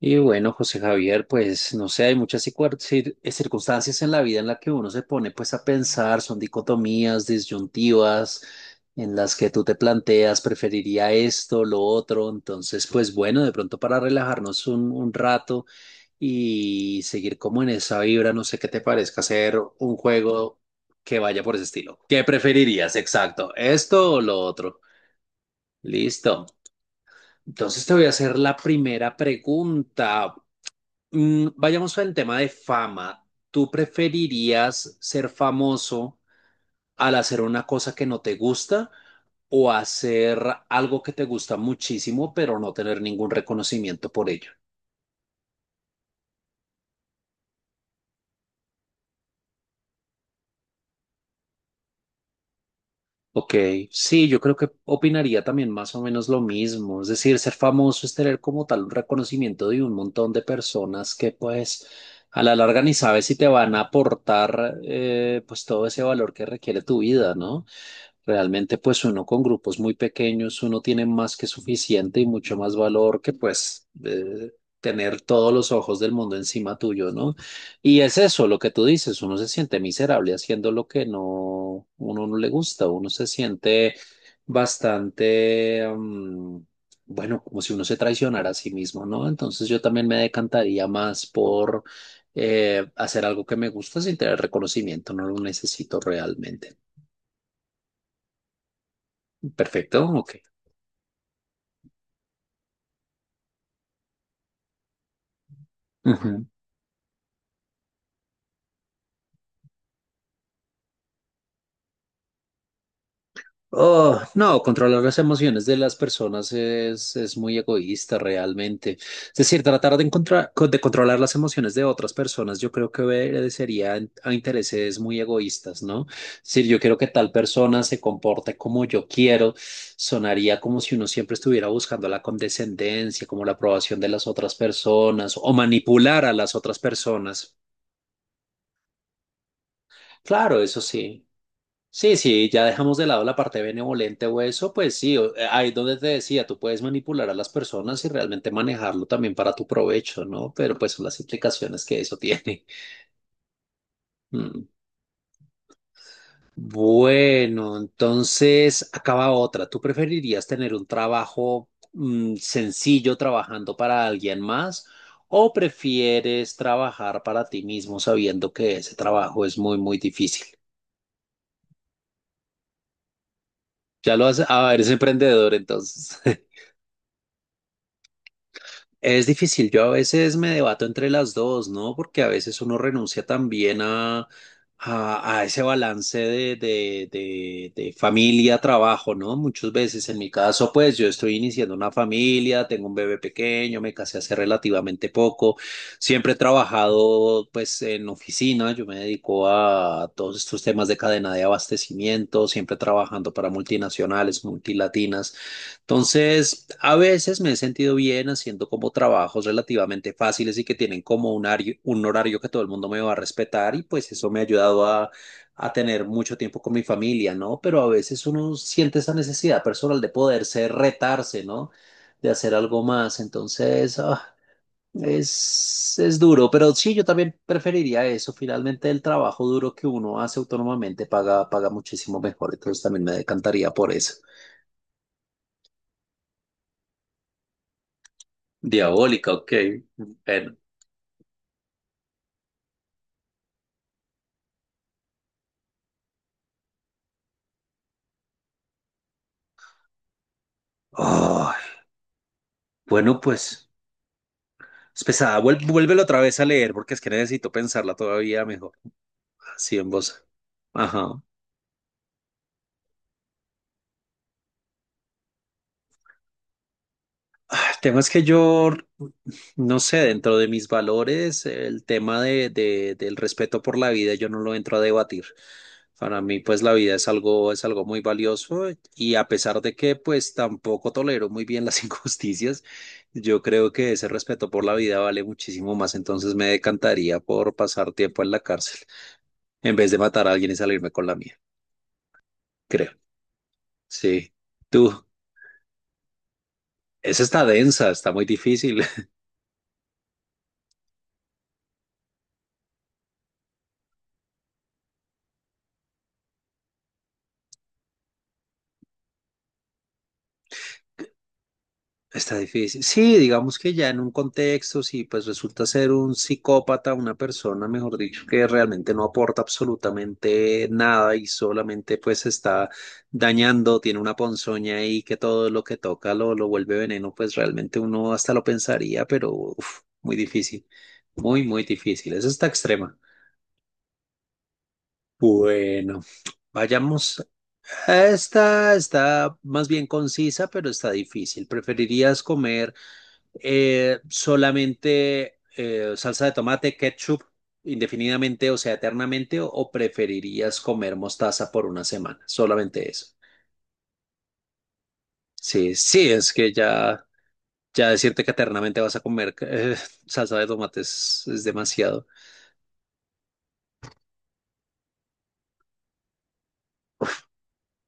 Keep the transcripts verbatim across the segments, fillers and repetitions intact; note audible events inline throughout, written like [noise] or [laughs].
Y bueno, José Javier, pues no sé, hay muchas cicuar- cir- eh, circunstancias en la vida en la que uno se pone pues a pensar, son dicotomías, disyuntivas, en las que tú te planteas, preferiría esto, lo otro. Entonces pues bueno, de pronto para relajarnos un, un rato y seguir como en esa vibra, no sé qué te parezca hacer un juego que vaya por ese estilo. ¿Qué preferirías? Exacto, ¿esto o lo otro? Listo. Entonces te voy a hacer la primera pregunta. Mm, vayamos al tema de fama. ¿Tú preferirías ser famoso al hacer una cosa que no te gusta, o hacer algo que te gusta muchísimo pero no tener ningún reconocimiento por ello? Ok, sí, yo creo que opinaría también más o menos lo mismo. Es decir, ser famoso es tener como tal un reconocimiento de un montón de personas que pues a la larga ni sabes si te van a aportar, eh, pues todo ese valor que requiere tu vida, ¿no? Realmente, pues uno con grupos muy pequeños, uno tiene más que suficiente y mucho más valor que pues, eh, tener todos los ojos del mundo encima tuyo, ¿no? Y es eso lo que tú dices, uno se siente miserable haciendo lo que no, uno no le gusta, uno se siente bastante, mm, bueno, como si uno se traicionara a sí mismo, ¿no? Entonces yo también me decantaría más por, eh, hacer algo que me gusta sin tener reconocimiento, no lo necesito realmente. Perfecto, ok. Ujú. Oh, no, controlar las emociones de las personas es, es muy egoísta realmente. Es decir, tratar de encontrar, co- de controlar las emociones de otras personas, yo creo que obedecería en- a intereses muy egoístas, ¿no? Es decir, yo quiero que tal persona se comporte como yo quiero, sonaría como si uno siempre estuviera buscando la condescendencia, como la aprobación de las otras personas o manipular a las otras personas. Claro, eso sí. Sí, sí, ya dejamos de lado la parte benevolente o eso, pues sí, o- eh, ahí donde te decía, tú puedes manipular a las personas y realmente manejarlo también para tu provecho, ¿no? Pero pues son las implicaciones que eso [laughs] tiene. Mm. Bueno, entonces acaba otra. ¿Tú preferirías tener un trabajo, mm, sencillo, trabajando para alguien más, o prefieres trabajar para ti mismo sabiendo que ese trabajo es muy, muy difícil? Ya lo has, ah, eres emprendedor entonces. Es difícil, yo a veces me debato entre las dos, ¿no? Porque a veces uno renuncia también a, a, a ese balance de, de, de, de familia, trabajo, ¿no? Muchas veces, en mi caso, pues yo estoy iniciando una familia, tengo un bebé pequeño, me casé hace relativamente poco, siempre he trabajado pues en oficina. Yo me dedico a todos estos temas de cadena de abastecimiento, siempre trabajando para multinacionales, multilatinas. Entonces, a veces me he sentido bien haciendo como trabajos relativamente fáciles y que tienen como un horario, un horario que todo el mundo me va a respetar, y pues eso me ha ayudado a, a tener mucho tiempo con mi familia, ¿no? Pero a veces uno siente esa necesidad personal de poderse retarse, ¿no? De hacer algo más. Entonces, ah, es, es duro, pero sí, yo también preferiría eso. Finalmente, el trabajo duro que uno hace autónomamente paga, paga muchísimo mejor. Entonces, también me decantaría por eso. Diabólica, ok. Bueno, ah, bueno, pues es pesada. Vuel- vuélvelo otra vez a leer porque es que necesito pensarla todavía mejor. Así en voz. Ajá. Ah, el tema es que yo, no sé, dentro de mis valores, el tema de, de- del respeto por la vida, yo no lo entro a debatir. Para mí, pues la vida es algo, es algo muy valioso, y a pesar de que pues tampoco tolero muy bien las [laughs] injusticias, yo creo que ese respeto por la vida vale muchísimo más. Entonces me decantaría por pasar tiempo en la cárcel en vez de matar a alguien y salirme con la mía, creo. Sí. Tú, Esa está densa, está muy difícil. Está difícil. Sí, digamos que ya en un contexto, si pues resulta ser un psicópata, una persona, mejor dicho, que realmente no aporta absolutamente nada y solamente pues está dañando, tiene una ponzoña ahí que todo lo que toca lo, lo vuelve veneno. Pues realmente uno hasta lo pensaría, pero uf, muy difícil, muy, muy difícil. Eso está extrema. Bueno, vayamos. Esta está más bien concisa, pero está difícil. ¿Preferirías comer eh, solamente, eh, salsa de tomate, ketchup, indefinidamente, o sea, eternamente, o, o preferirías comer mostaza por una semana? Solamente eso. Sí, sí, es que ya, ya decirte que eternamente vas a comer eh, [laughs] salsa de tomate es, es demasiado.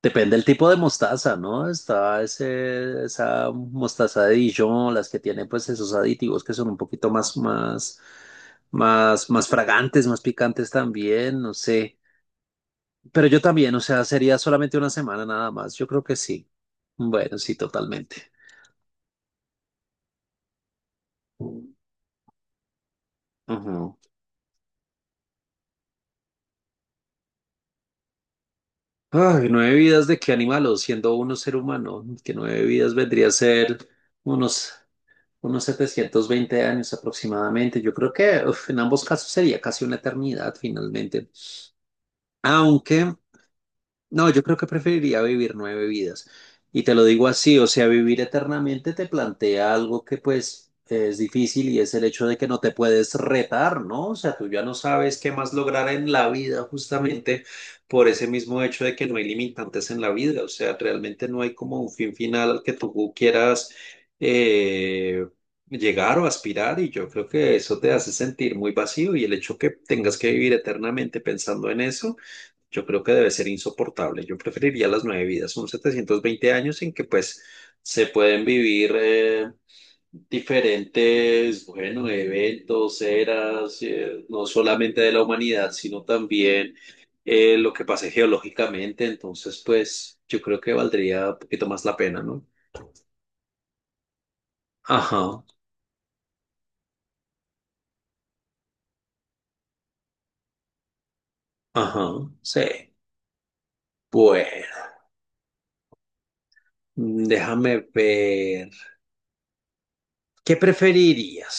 Depende del tipo de mostaza, ¿no? Está ese, esa mostaza de Dijon, las que tienen pues esos aditivos que son un poquito más, más, más, más fragantes, más picantes también, no sé. Pero yo también, o sea, sería solamente una semana nada más. Yo creo que sí. Bueno, sí, totalmente. Ajá. Ay, nueve vidas de qué animal, o siendo uno ser humano, que nueve vidas vendría a ser unos, unos setecientos veinte años aproximadamente. Yo creo que uf, en ambos casos sería casi una eternidad finalmente. Aunque no, yo creo que preferiría vivir nueve vidas. Y te lo digo así, o sea, vivir eternamente te plantea algo que pues es difícil, y es el hecho de que no te puedes retar, ¿no? O sea, tú ya no sabes qué más lograr en la vida justamente por ese mismo hecho de que no hay limitantes en la vida. O sea, realmente no hay como un fin final al que tú quieras, eh, llegar o aspirar. Y yo creo que eso te hace sentir muy vacío, y el hecho que tengas que vivir eternamente pensando en eso. Yo creo que debe ser insoportable. Yo preferiría las nueve vidas. Son setecientos veinte años en que pues se pueden vivir, eh, diferentes, bueno, eventos, eras, eh, no solamente de la humanidad, sino también, eh, lo que pase geológicamente. Entonces, pues yo creo que valdría un poquito más la pena, ¿no? Ajá, ajá, sí. Bueno, mm, déjame ver. ¿Qué preferirías?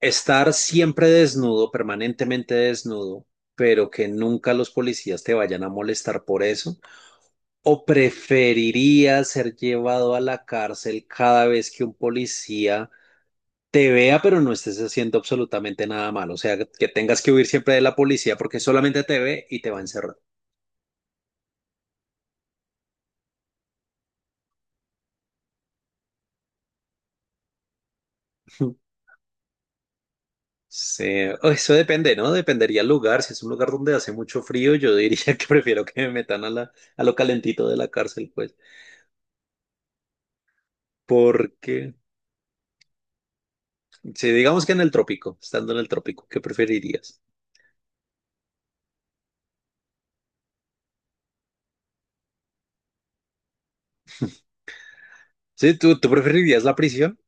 Estar siempre desnudo, permanentemente desnudo, pero que nunca los policías te vayan a molestar por eso, ¿o preferirías ser llevado a la cárcel cada vez que un policía te vea, pero no estés haciendo absolutamente nada malo? O sea, que tengas que huir siempre de la policía porque solamente te ve y te va a encerrar. [laughs] Sí, o eso depende, ¿no? Dependería el lugar. Si es un lugar donde hace mucho frío, yo diría [laughs] que prefiero que me metan a la, a lo calentito de la cárcel, pues. Porque sí, digamos que en el trópico, estando en el trópico, ¿qué preferirías? Sí, ¿tú, tú preferirías la prisión?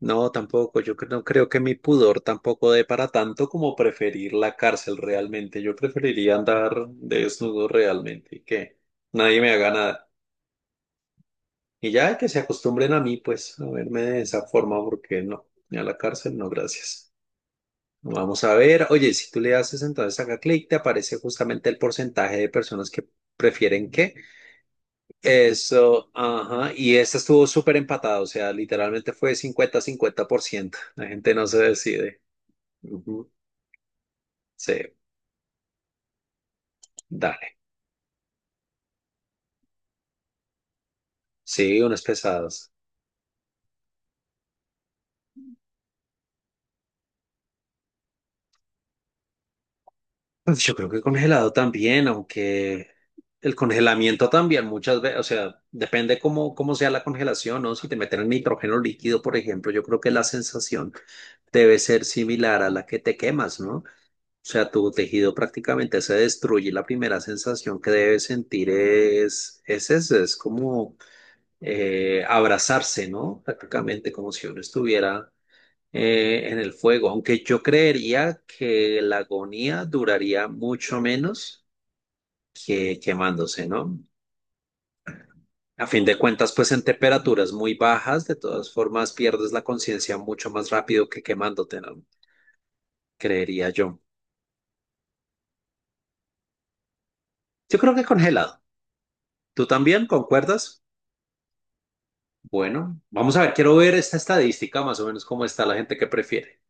No, tampoco. Yo cre- no creo que mi pudor tampoco dé para tanto como preferir la cárcel realmente. Yo preferiría andar desnudo realmente, y que nadie me haga nada. Y ya que se acostumbren a mí, pues, a verme de esa forma, porque no, ni a la cárcel, no, gracias. Vamos a ver. Oye, si tú le haces entonces acá clic, te aparece justamente el porcentaje de personas que prefieren qué. Eso, ajá, y esta estuvo súper empatado, o sea, literalmente fue cincuenta cincuenta por ciento. La gente no se decide. Ujú. Sí, dale. Sí, unas pesadas. Pues yo creo que congelado también, aunque el congelamiento también muchas veces, o sea, depende cómo, cómo, sea la congelación, ¿no? Si te meten el nitrógeno líquido, por ejemplo, yo creo que la sensación debe ser similar a la que te quemas, ¿no? Sea, tu tejido prácticamente se destruye. La primera sensación que debes sentir es, es eso, es como, eh, abrazarse, ¿no? Prácticamente como si uno estuviera, eh, en el fuego. Aunque yo creería que la agonía duraría mucho menos que quemándose, ¿no? A fin de cuentas, pues en temperaturas muy bajas, de todas formas, pierdes la conciencia mucho más rápido que quemándote, ¿no? Creería yo. Yo creo que congelado. ¿Tú también concuerdas? Bueno, vamos a ver, quiero ver esta estadística más o menos cómo está la gente que prefiere.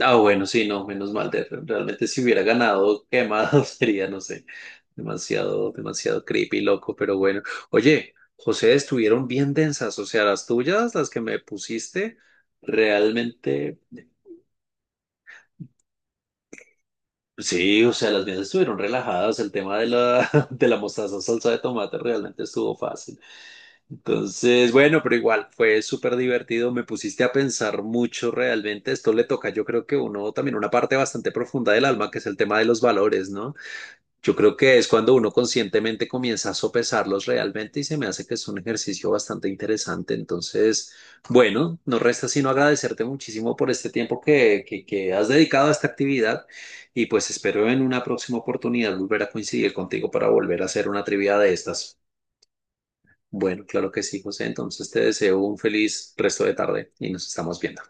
Ah, bueno, sí, no, menos mal. De- realmente si hubiera ganado quemado, [laughs] sería, no sé, demasiado, demasiado creepy, loco, pero bueno. Oye, José, estuvieron bien densas, o sea, las tuyas, las que me pusiste, realmente, sí, o sea, las mías estuvieron relajadas. El tema de la, [laughs] de la mostaza, salsa de tomate realmente estuvo fácil. Entonces, bueno, pero igual fue súper divertido, me pusiste a pensar mucho realmente. Esto le toca yo creo que uno también una parte bastante profunda del alma, que es el tema de los valores, ¿no? Yo creo que es cuando uno conscientemente comienza a sopesarlos realmente, y se me hace que es un ejercicio bastante interesante. Entonces, bueno, no resta sino agradecerte muchísimo por este tiempo que, que, que has dedicado a esta actividad, y pues espero en una próxima oportunidad volver a coincidir contigo para volver a hacer una trivia de estas. Bueno, claro que sí, José. Entonces te deseo un feliz resto de tarde y nos estamos viendo.